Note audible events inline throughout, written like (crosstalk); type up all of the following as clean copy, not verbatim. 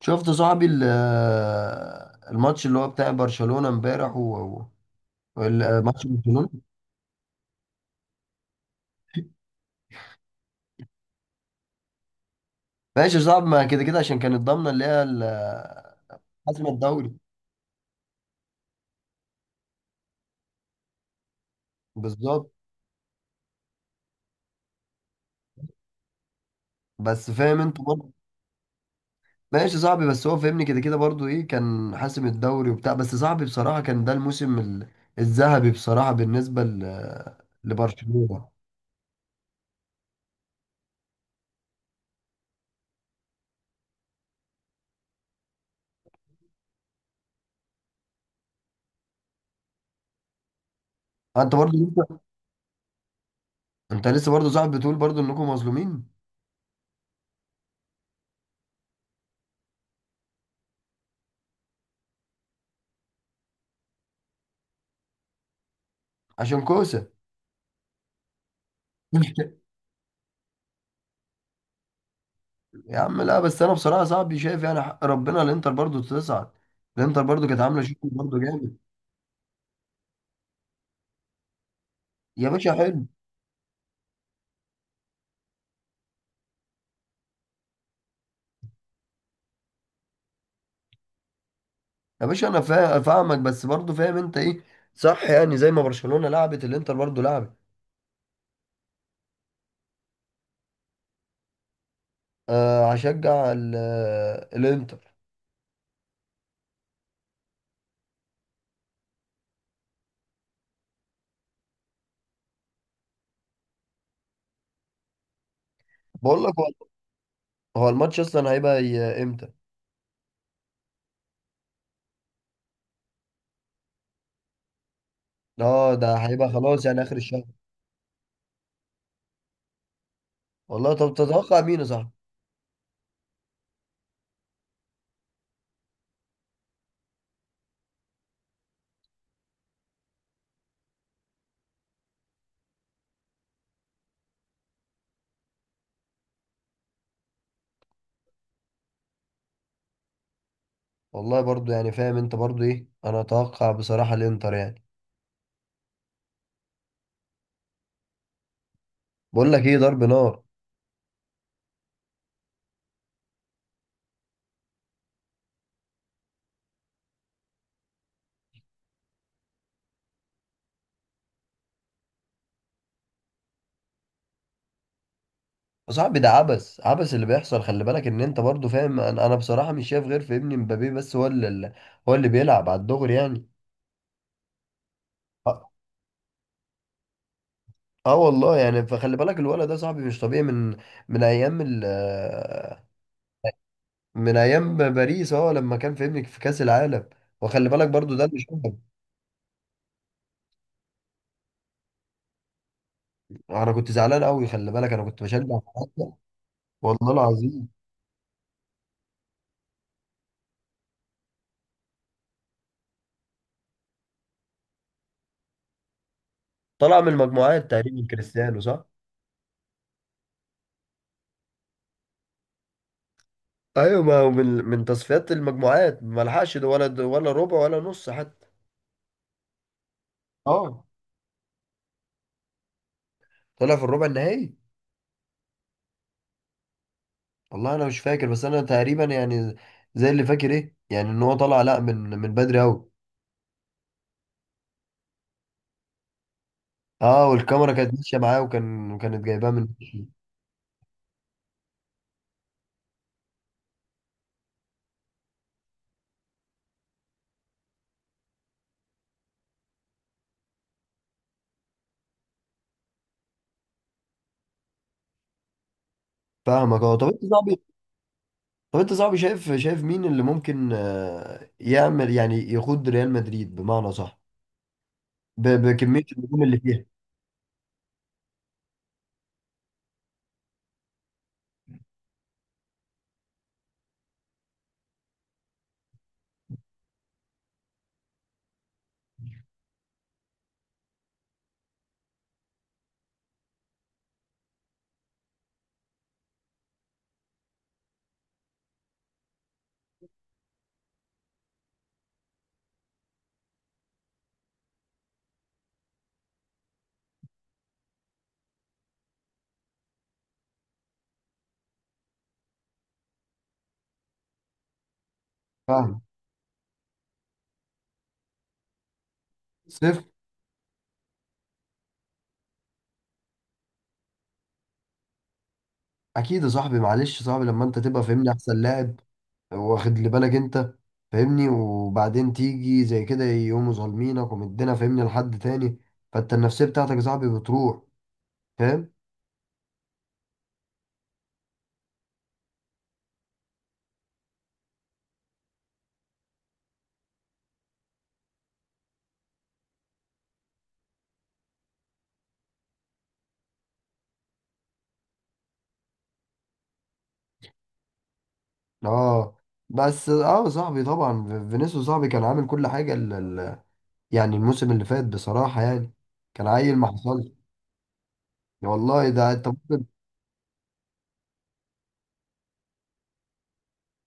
شفت صاحبي الماتش اللي هو بتاع برشلونة امبارح ماتش برشلونة. ماشي، صعب ما كده كده عشان كانت ضامنة اللي هي حسم الدوري. بالظبط. بس فاهم انت برضه. ماشي صاحبي، بس هو فاهمني كده كده برضه ايه، كان حاسم الدوري وبتاع، بس صاحبي بصراحة كان ده الموسم الذهبي بصراحة بالنسبة لبرشلونة. انت برضه لسه- انت لسه برضه صاحبي بتقول برضه انكم مظلومين. عشان كوسة. (laughs) يا عم لا، بس انا بصراحه صاحبي شايف يعني حق ربنا الانتر برضو تصعد. الانتر برضو كانت عامله شغل برضو جامد. يا باشا حلو. يا باشا انا فاهمك، بس برضو فاهم انت ايه. صح، يعني زي ما برشلونه لعبت الانتر برضو لعبت. آه هشجع الانتر. بقول لك، هو هو الماتش اصلا هيبقى امتى؟ اه ده هيبقى خلاص يعني اخر الشهر. والله طب تتوقع مين يا صاحبي؟ والله برضو يعني فاهم انت برضو ايه، انا اتوقع بصراحه الانتر يعني. بقول لك ايه، ضرب نار. يا صاحبي ده عبث، عبث اللي بيحصل. خلي بالك ان انت برضو فاهم، انا بصراحة مش شايف غير في ابني مبابي، بس هو اللي بيلعب على الدغري يعني. اه. آه والله يعني. فخلي بالك الولد ده صاحبي مش طبيعي من من ايام ال آه، من ايام باريس، لما كان في ابنك في كأس العالم. وخلي بالك برضو ده اللي شفته. انا كنت زعلان قوي، خلي بالك انا كنت بشجع فرنسا. والله العظيم. طلع من المجموعات تقريبا كريستيانو، صح؟ ايوه، ما هو من تصفيات المجموعات ما لحقش ده، ولا ربع ولا نص حتى. اه طلع في الربع النهائي. والله انا مش فاكر، بس انا تقريبا يعني زي اللي فاكر ايه، يعني ان هو طلع لا من بدري قوي. اه، والكاميرا كانت ماشيه معاه، وكان كانت جايباه من. فاهمك، اه. طب انت صاحبي شايف مين اللي ممكن يعمل، يعني يقود ريال مدريد بمعنى صح، بكميه النجوم اللي فيها. فاهم. صفر. اكيد يا صاحبي، معلش يا صاحبي لما انت تبقى فاهمني احسن لاعب، واخد لي بالك انت، فاهمني، وبعدين تيجي زي كده يقوموا ظالمينك ومدينا فاهمني لحد تاني، فانت النفسيه بتاعتك يا صاحبي بتروح، فاهم. اه، بس اه صاحبي طبعا فينيسيوس صاحبي كان عامل كل حاجه يعني الموسم اللي فات بصراحه يعني كان عيل ما حصلش. والله ده انت ممكن.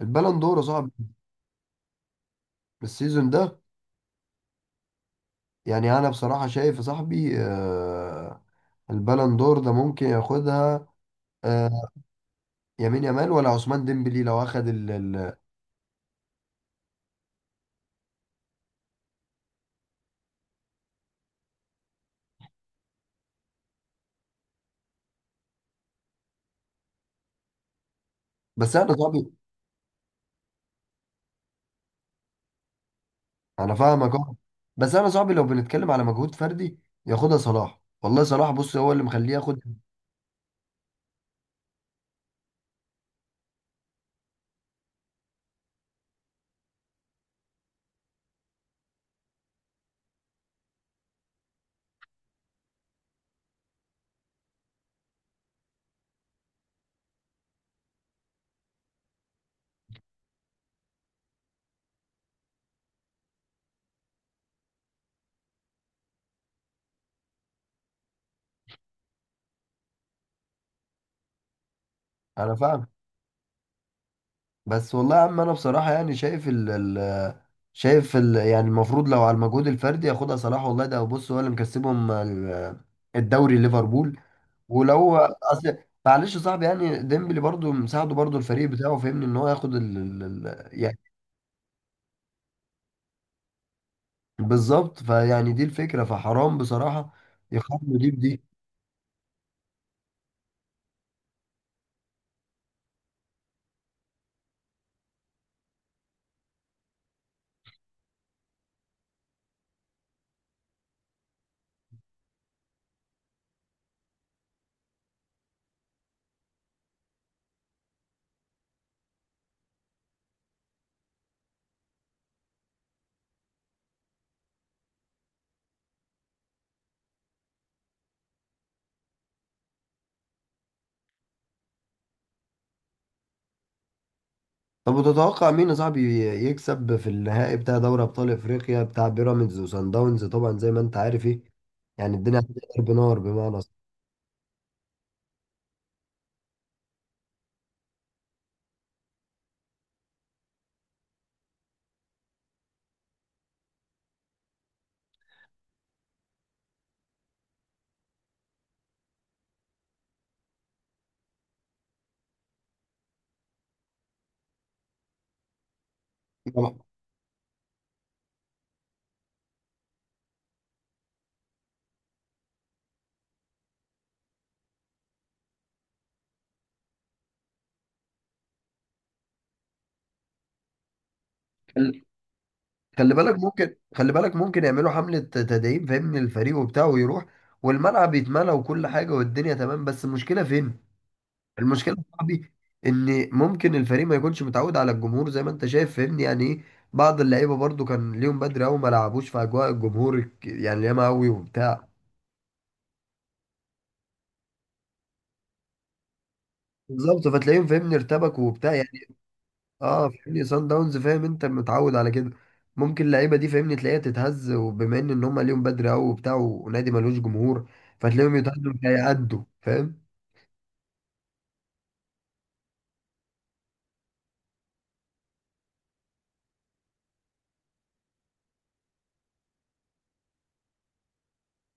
البالون دور يا صاحبي السيزون ده، يعني انا بصراحه شايف يا صاحبي آه، البالون دور ده ممكن ياخدها. آه. يمين يامال ولا عثمان ديمبلي لو اخد بس انا صاحبي، انا فاهمك اه. بس انا صاحبي لو بنتكلم على مجهود فردي ياخدها صلاح، والله صلاح بص هو اللي مخليه ياخد. انا فاهم. بس والله يا عم انا بصراحه يعني شايف ال ال شايف ال يعني المفروض لو على المجهود الفردي ياخدها صلاح، والله ده بص هو اللي مكسبهم الدوري ليفربول. ولو اصل معلش يا صاحبي، يعني ديمبلي برضو مساعده برضو الفريق بتاعه، فهمني ان هو ياخد يعني. بالظبط، فيعني دي الفكره، فحرام بصراحه يقارنوا دي بدي. طب وتتوقع مين يا صاحبي يكسب في النهائي بتاع دوري ابطال افريقيا بتاع بيراميدز وسان داونز؟ طبعا زي ما انت عارف، ايه يعني الدنيا هتضرب نار بمعنى اصح. طبعاً. خل- خلي بالك ممكن يعملوا حملة تدعيم، فاهمني الفريق وبتاع، ويروح والملعب يتملى وكل حاجة والدنيا تمام. بس المشكلة فين؟ المشكلة يا صاحبي ان ممكن الفريق ما يكونش متعود على الجمهور زي ما انت شايف، فاهمني يعني ايه، بعض اللعيبة برضو كان ليهم بدري قوي، ما لعبوش في اجواء الجمهور يعني ياما قوي وبتاع. بالظبط، فتلاقيهم فاهمني ارتبك وبتاع يعني. اه فاهمني سان داونز، فاهم انت متعود على كده. ممكن اللعيبه دي فاهمني تلاقيها تتهز، وبما ان هم ليهم بدري قوي وبتاع، ونادي ملوش جمهور، فتلاقيهم يتهزوا مش هيأدوا، فاهم.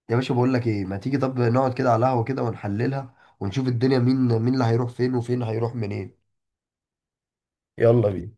يا باشا بقول لك ايه، ما تيجي طب نقعد كده على قهوه كده ونحللها، ونشوف الدنيا مين، مين اللي هيروح فين وفين هيروح منين. يلا بينا.